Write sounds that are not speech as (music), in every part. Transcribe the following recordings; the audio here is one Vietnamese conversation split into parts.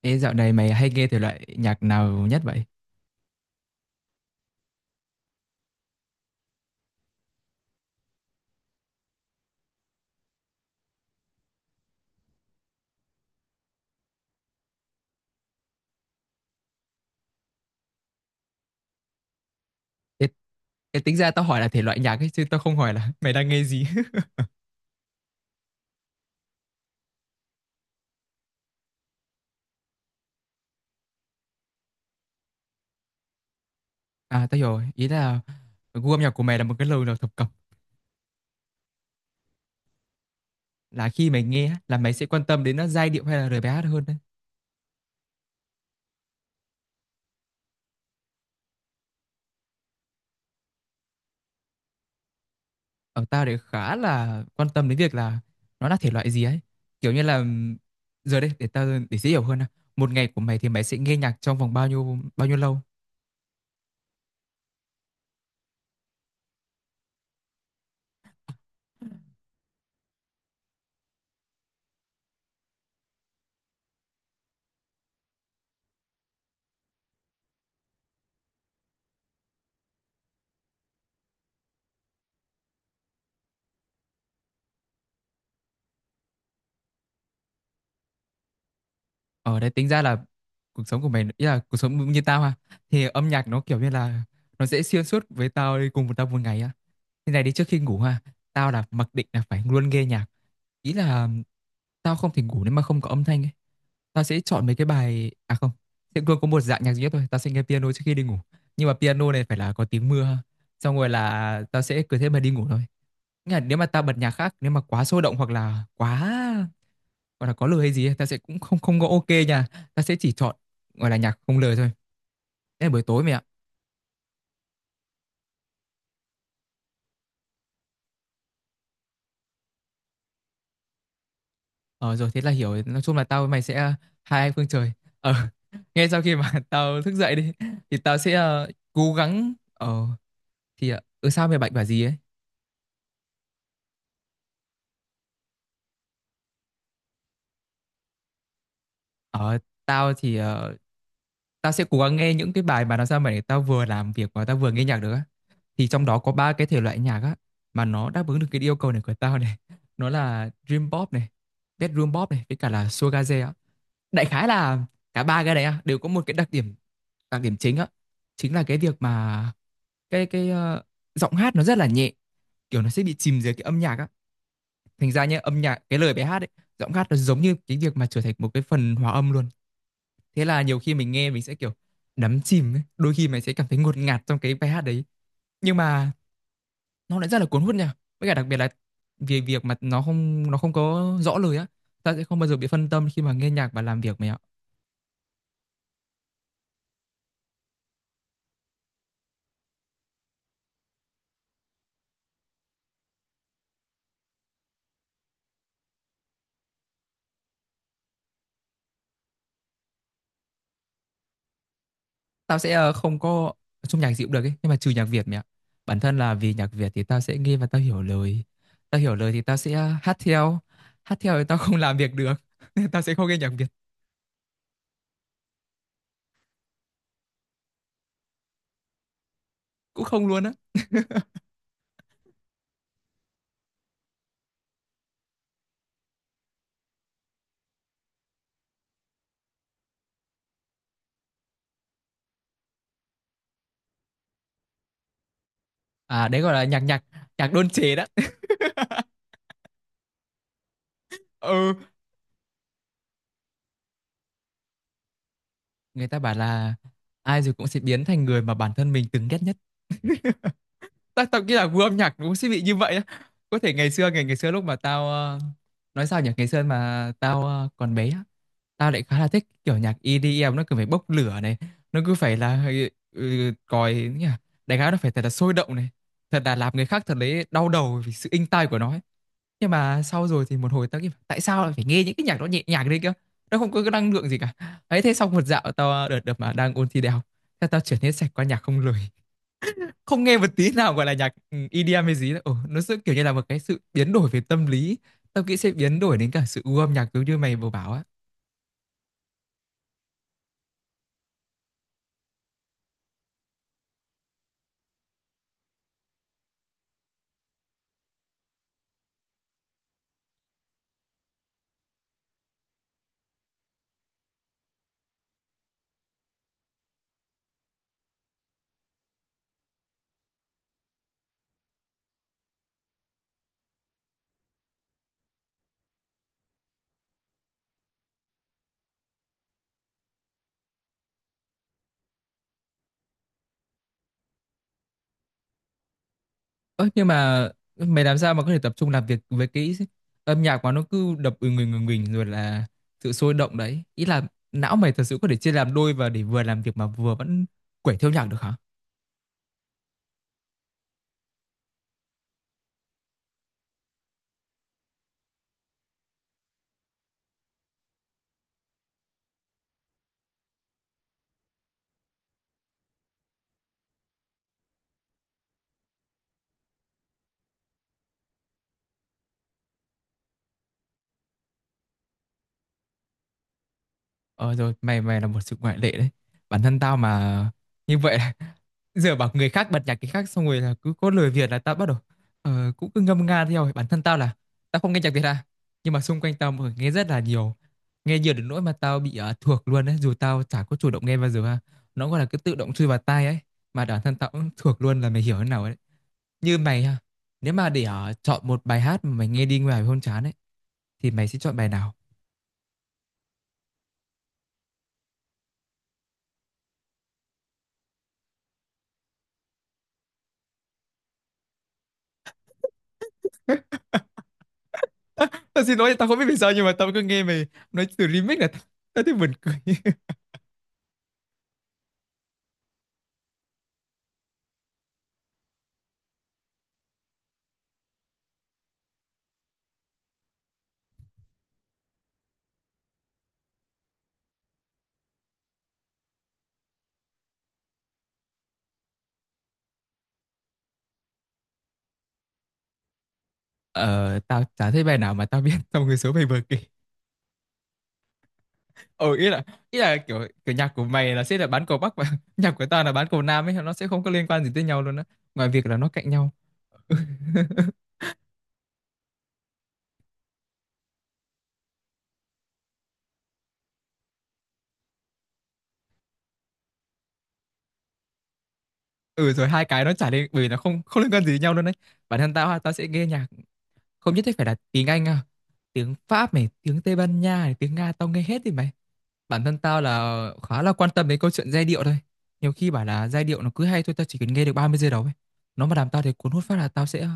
Ê, dạo này mày hay nghe thể loại nhạc nào nhất vậy? Ê, ê, tính ra tao hỏi là thể loại nhạc ấy, chứ tao không hỏi là (laughs) mày đang nghe gì. (laughs) À, tao hiểu rồi. Ý là gu âm nhạc của mày là một cái lời nào thập cẩm. Là khi mày nghe á, là mày sẽ quan tâm đến nó giai điệu hay là lời bài hát hơn đấy. Ở tao thì khá là quan tâm đến việc là nó là thể loại gì ấy. Kiểu như là giờ đây để tao để dễ hiểu hơn nào. Một ngày của mày thì mày sẽ nghe nhạc trong vòng bao nhiêu lâu? Ở đấy tính ra là cuộc sống của mày ý là cuộc sống như tao ha, thì âm nhạc nó kiểu như là nó sẽ xuyên suốt với tao, đi cùng với tao một ngày á. Như này đi, trước khi ngủ ha, tao là mặc định là phải luôn nghe nhạc, ý là tao không thể ngủ nếu mà không có âm thanh ấy. Tao sẽ chọn mấy cái bài, à không, sẽ luôn có một dạng nhạc duy nhất thôi, tao sẽ nghe piano trước khi đi ngủ, nhưng mà piano này phải là có tiếng mưa ha, xong rồi là tao sẽ cứ thế mà đi ngủ thôi. Nghĩa là nếu mà tao bật nhạc khác nếu mà quá sôi động hoặc là quá gọi là có lời hay gì ấy, ta sẽ cũng không không có ok nha, ta sẽ chỉ chọn gọi là nhạc không lời thôi, thế là buổi tối mày ạ. Ờ rồi, thế là hiểu rồi. Nói chung là tao với mày sẽ hai anh phương trời. ờ (laughs) ngay sau khi mà (laughs) tao thức dậy đi thì tao sẽ cố gắng thì sao mày bạch bảo gì ấy. ờ Tao thì tao sẽ cố gắng nghe những cái bài mà nó sao mà để tao vừa làm việc và tao vừa nghe nhạc được á, thì trong đó có ba cái thể loại nhạc á mà nó đáp ứng được cái yêu cầu này của tao này. Nó là dream pop này, bedroom pop này, với cả là sugar jay á. Đại khái là cả ba cái đấy á, đều có một cái đặc điểm, đặc điểm chính á, chính là cái việc mà cái cái ờ, giọng hát nó rất là nhẹ, kiểu nó sẽ bị chìm dưới cái âm nhạc á. Thành ra nhá, âm nhạc cái lời bài hát ấy, giọng hát nó giống như cái việc mà trở thành một cái phần hòa âm luôn. Thế là nhiều khi mình nghe mình sẽ kiểu đắm chìm ấy, đôi khi mình sẽ cảm thấy ngột ngạt trong cái bài hát đấy, nhưng mà nó lại rất là cuốn hút nha. Với cả đặc biệt là vì việc mà nó không có rõ lời á, ta sẽ không bao giờ bị phân tâm khi mà nghe nhạc và làm việc mày ạ. Tao sẽ không có chung nhạc gì cũng được ấy, nhưng mà trừ nhạc Việt mẹ ạ. Bản thân là vì nhạc Việt thì tao sẽ nghe và tao hiểu lời, tao hiểu lời thì tao sẽ hát theo, hát theo thì tao không làm việc được, (laughs) nên tao sẽ không nghe nhạc Việt, cũng không luôn á. À đấy gọi là nhạc nhạc nhạc đôn chế đó. (laughs) Ừ, người ta bảo là ai rồi cũng sẽ biến thành người mà bản thân mình từng ghét nhất. Tao tao nghĩ là gu âm nhạc nó cũng sẽ bị như vậy á. Có thể ngày xưa, ngày ngày xưa lúc mà tao nói sao nhỉ, ngày xưa mà tao còn bé á, tao lại khá là thích kiểu nhạc EDM, nó cứ phải bốc lửa này, nó cứ phải là còi nhỉ, đánh áo nó phải thật là sôi động này, thật là làm người khác thật đấy đau đầu vì sự inh tai của nó ấy. Nhưng mà sau rồi thì một hồi tao nghĩ tại sao lại phải nghe những cái nhạc đó nhẹ nhàng đấy kia, nó không có cái năng lượng gì cả. Ấy thế xong một dạo tao đợt đợt mà đang ôn thi đại học, thế tao chuyển hết sạch qua nhạc không lời, không nghe một tí nào gọi là nhạc EDM hay gì đâu. Ồ, nó sẽ kiểu như là một cái sự biến đổi về tâm lý, tao nghĩ sẽ biến đổi đến cả sự gu âm nhạc giống như mày vừa bảo á. Ơ, nhưng mà mày làm sao mà có thể tập trung làm việc với cái âm nhạc mà nó cứ đập người người mình, rồi là sự sôi động đấy, ý là não mày thật sự có thể chia làm đôi và để vừa làm việc mà vừa vẫn quẩy theo nhạc được hả? Ờ rồi, mày mày là một sự ngoại lệ đấy, bản thân tao mà như vậy. (laughs) Giờ bảo người khác bật nhạc cái khác xong rồi là cứ có lời Việt là tao bắt đầu cũng cứ ngâm nga theo. Bản thân tao là tao không nghe nhạc Việt à, nhưng mà xung quanh tao mọi người nghe rất là nhiều, nghe nhiều đến nỗi mà tao bị thuộc luôn đấy dù tao chả có chủ động nghe bao giờ ha, nó gọi là cứ tự động chui vào tai ấy, mà bản thân tao cũng thuộc luôn, là mày hiểu thế nào ấy. Như mày ha, nếu mà để chọn một bài hát mà mày nghe đi ngoài hôn chán ấy, thì mày sẽ chọn bài nào? (laughs) Tao xin lỗi, tao không biết vì sao nhưng mà tao cứ nghe mày nói từ remix là tao thấy buồn cười. Ờ, tao chả thấy bài nào mà tao biết trong cái số mày vừa kể. Ừ, ý là, ý là kiểu kiểu nhạc của mày là sẽ là bán cầu Bắc và (laughs) nhạc của tao là bán cầu Nam ấy, nó sẽ không có liên quan gì tới nhau luôn á. Ngoài việc là nó cạnh nhau. (laughs) Ừ rồi hai cái nó chả liên, bởi vì nó không không liên quan gì đến nhau luôn đấy. Bản thân tao ha, tao sẽ nghe nhạc không nhất thiết phải là tiếng Anh à. Tiếng Pháp này, tiếng Tây Ban Nha này, tiếng Nga tao nghe hết thì mày. Bản thân tao là khá là quan tâm đến câu chuyện giai điệu thôi, nhiều khi bảo là giai điệu nó cứ hay thôi, tao chỉ cần nghe được 30 giây đầu ấy, nó mà làm tao thấy cuốn hút phát là tao sẽ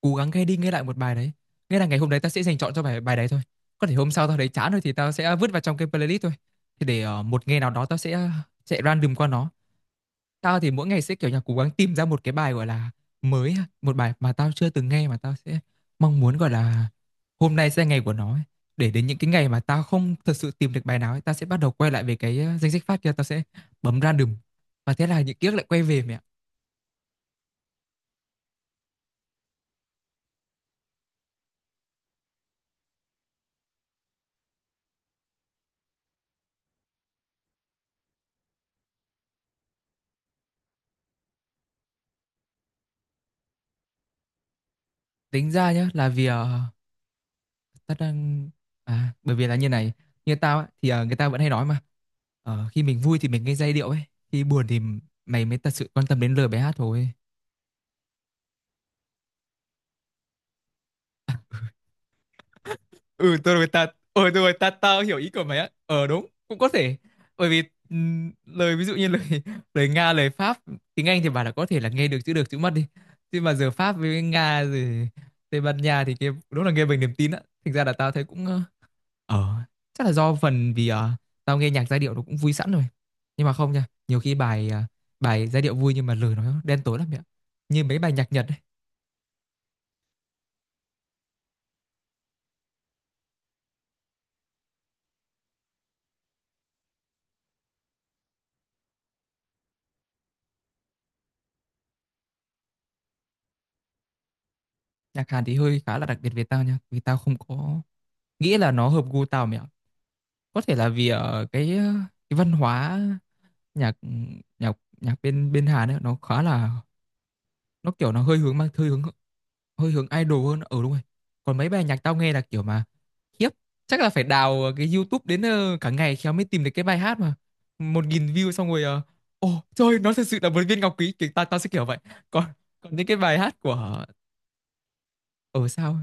cố gắng nghe đi nghe lại một bài đấy, nghĩa là ngày hôm đấy tao sẽ dành chọn cho bài bài đấy thôi. Có thể hôm sau tao thấy chán rồi thì tao sẽ vứt vào trong cái playlist thôi, thì để một ngày nào đó tao sẽ random qua nó. Tao thì mỗi ngày sẽ kiểu như là cố gắng tìm ra một cái bài, gọi là mới ha, một bài mà tao chưa từng nghe mà tao sẽ mong muốn, gọi là hôm nay sẽ là ngày của nó ấy. Để đến những cái ngày mà tao không thật sự tìm được bài nào ấy, tao sẽ bắt đầu quay lại về cái, a, danh sách phát kia, tao sẽ bấm random. Và thế là những ký ức lại quay về mẹ. Tính ra nhá, là vì, tao đang, à, bởi vì là như này, như tao á thì, người ta vẫn hay nói mà, khi mình vui thì mình nghe giai điệu ấy, khi buồn thì mày mới thật sự quan tâm đến lời bài hát thôi. Ừ tôi rồi ta ta hiểu ý của mày á. Ờ đúng, cũng có thể, bởi vì lời, ví dụ như lời (laughs) lời Nga, lời Pháp, tiếng Anh thì bảo là có thể là nghe được chữ mất đi, nhưng mà giờ Pháp với Nga rồi Tây Ban Nha thì kia đúng là nghe bằng niềm tin á. Thành ra là tao thấy cũng ờ, chắc là do phần vì tao nghe nhạc giai điệu nó cũng vui sẵn rồi, nhưng mà không nha, nhiều khi bài bài giai điệu vui nhưng mà lời nó đen tối lắm mẹ ạ. Như mấy bài nhạc Nhật ấy, nhạc Hàn thì hơi khá là đặc biệt về tao nha, vì tao không có nghĩ là nó hợp gu tao mẹ ạ. Có thể là vì ở cái cái văn hóa nhạc nhạc nhạc bên bên Hàn ấy nó khá là, nó kiểu nó hơi hướng mang hơi hướng, hơi hướng idol hơn ở, đúng rồi. Còn mấy bài nhạc tao nghe là kiểu mà khiếp, chắc là phải đào cái YouTube đến cả ngày khéo mới tìm được cái bài hát mà 1.000 view, xong rồi ờ, ồ trời, nó thật sự là một viên ngọc quý, kiểu tao tao sẽ kiểu vậy. Còn, còn những cái bài hát của, ở sao,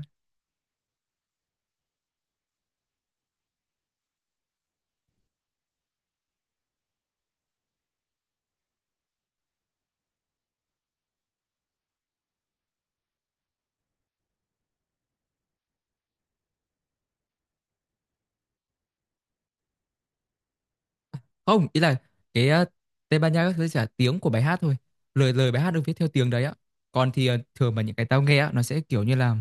không ý là cái Tây Ban Nha các thứ chỉ là tiếng của bài hát thôi, lời lời bài hát được viết theo tiếng đấy á. Còn thì thường mà những cái tao nghe á nó sẽ kiểu như là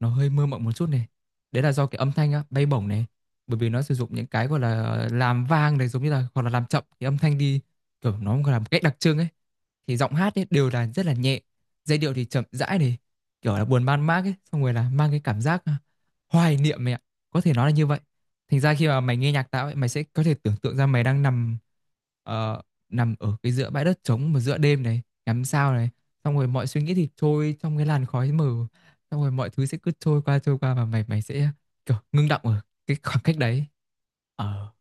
nó hơi mơ mộng một chút này, đấy là do cái âm thanh á, bay bổng này, bởi vì nó sử dụng những cái gọi là làm vang này, giống như là hoặc là làm chậm cái âm thanh đi, kiểu nó gọi là một cách đặc trưng ấy, thì giọng hát ấy đều là rất là nhẹ, giai điệu thì chậm rãi này, kiểu là buồn man mác ấy, xong rồi là mang cái cảm giác à, hoài niệm mày ạ, có thể nói là như vậy. Thành ra khi mà mày nghe nhạc tao ấy, mày sẽ có thể tưởng tượng ra mày đang nằm ờ, nằm ở cái giữa bãi đất trống mà giữa đêm này, ngắm sao này, xong rồi mọi suy nghĩ thì trôi trong cái làn khói mờ, xong rồi mọi thứ sẽ cứ trôi qua và mày mày sẽ kiểu ngưng đọng ở cái khoảng cách đấy. Ờ,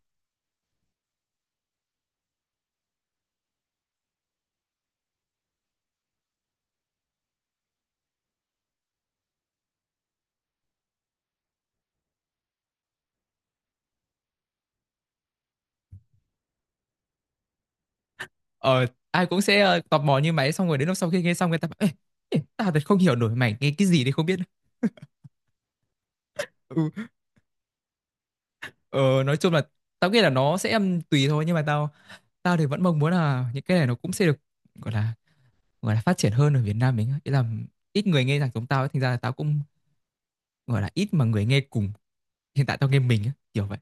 ờ ai cũng sẽ tò mò như mày, xong rồi đến lúc sau khi nghe xong người ta bảo, Ê, ê, tao thật không hiểu nổi mày nghe cái gì đấy không biết. ừ, ờ, nói chung là tao nghĩ là nó sẽ tùy thôi, nhưng mà tao, tao thì vẫn mong muốn là những cái này nó cũng sẽ được gọi là, gọi là phát triển hơn ở Việt Nam mình á. Ý là ít người nghe nhạc giống tao ấy, thành ra là tao cũng gọi là ít mà người nghe cùng, hiện tại tao nghe mình á, kiểu vậy.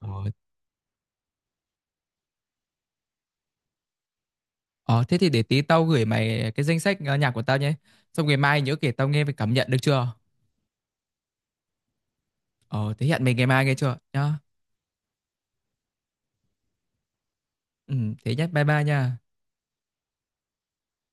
ờ, ờ, Thế thì để tí tao gửi mày cái danh sách nhạc của tao nhé, xong ngày mai nhớ kể tao nghe về cảm nhận được chưa. Ờ thế hẹn mình ngày mai nghe chưa nhá. Ừ, thế nhé, bye bye nha.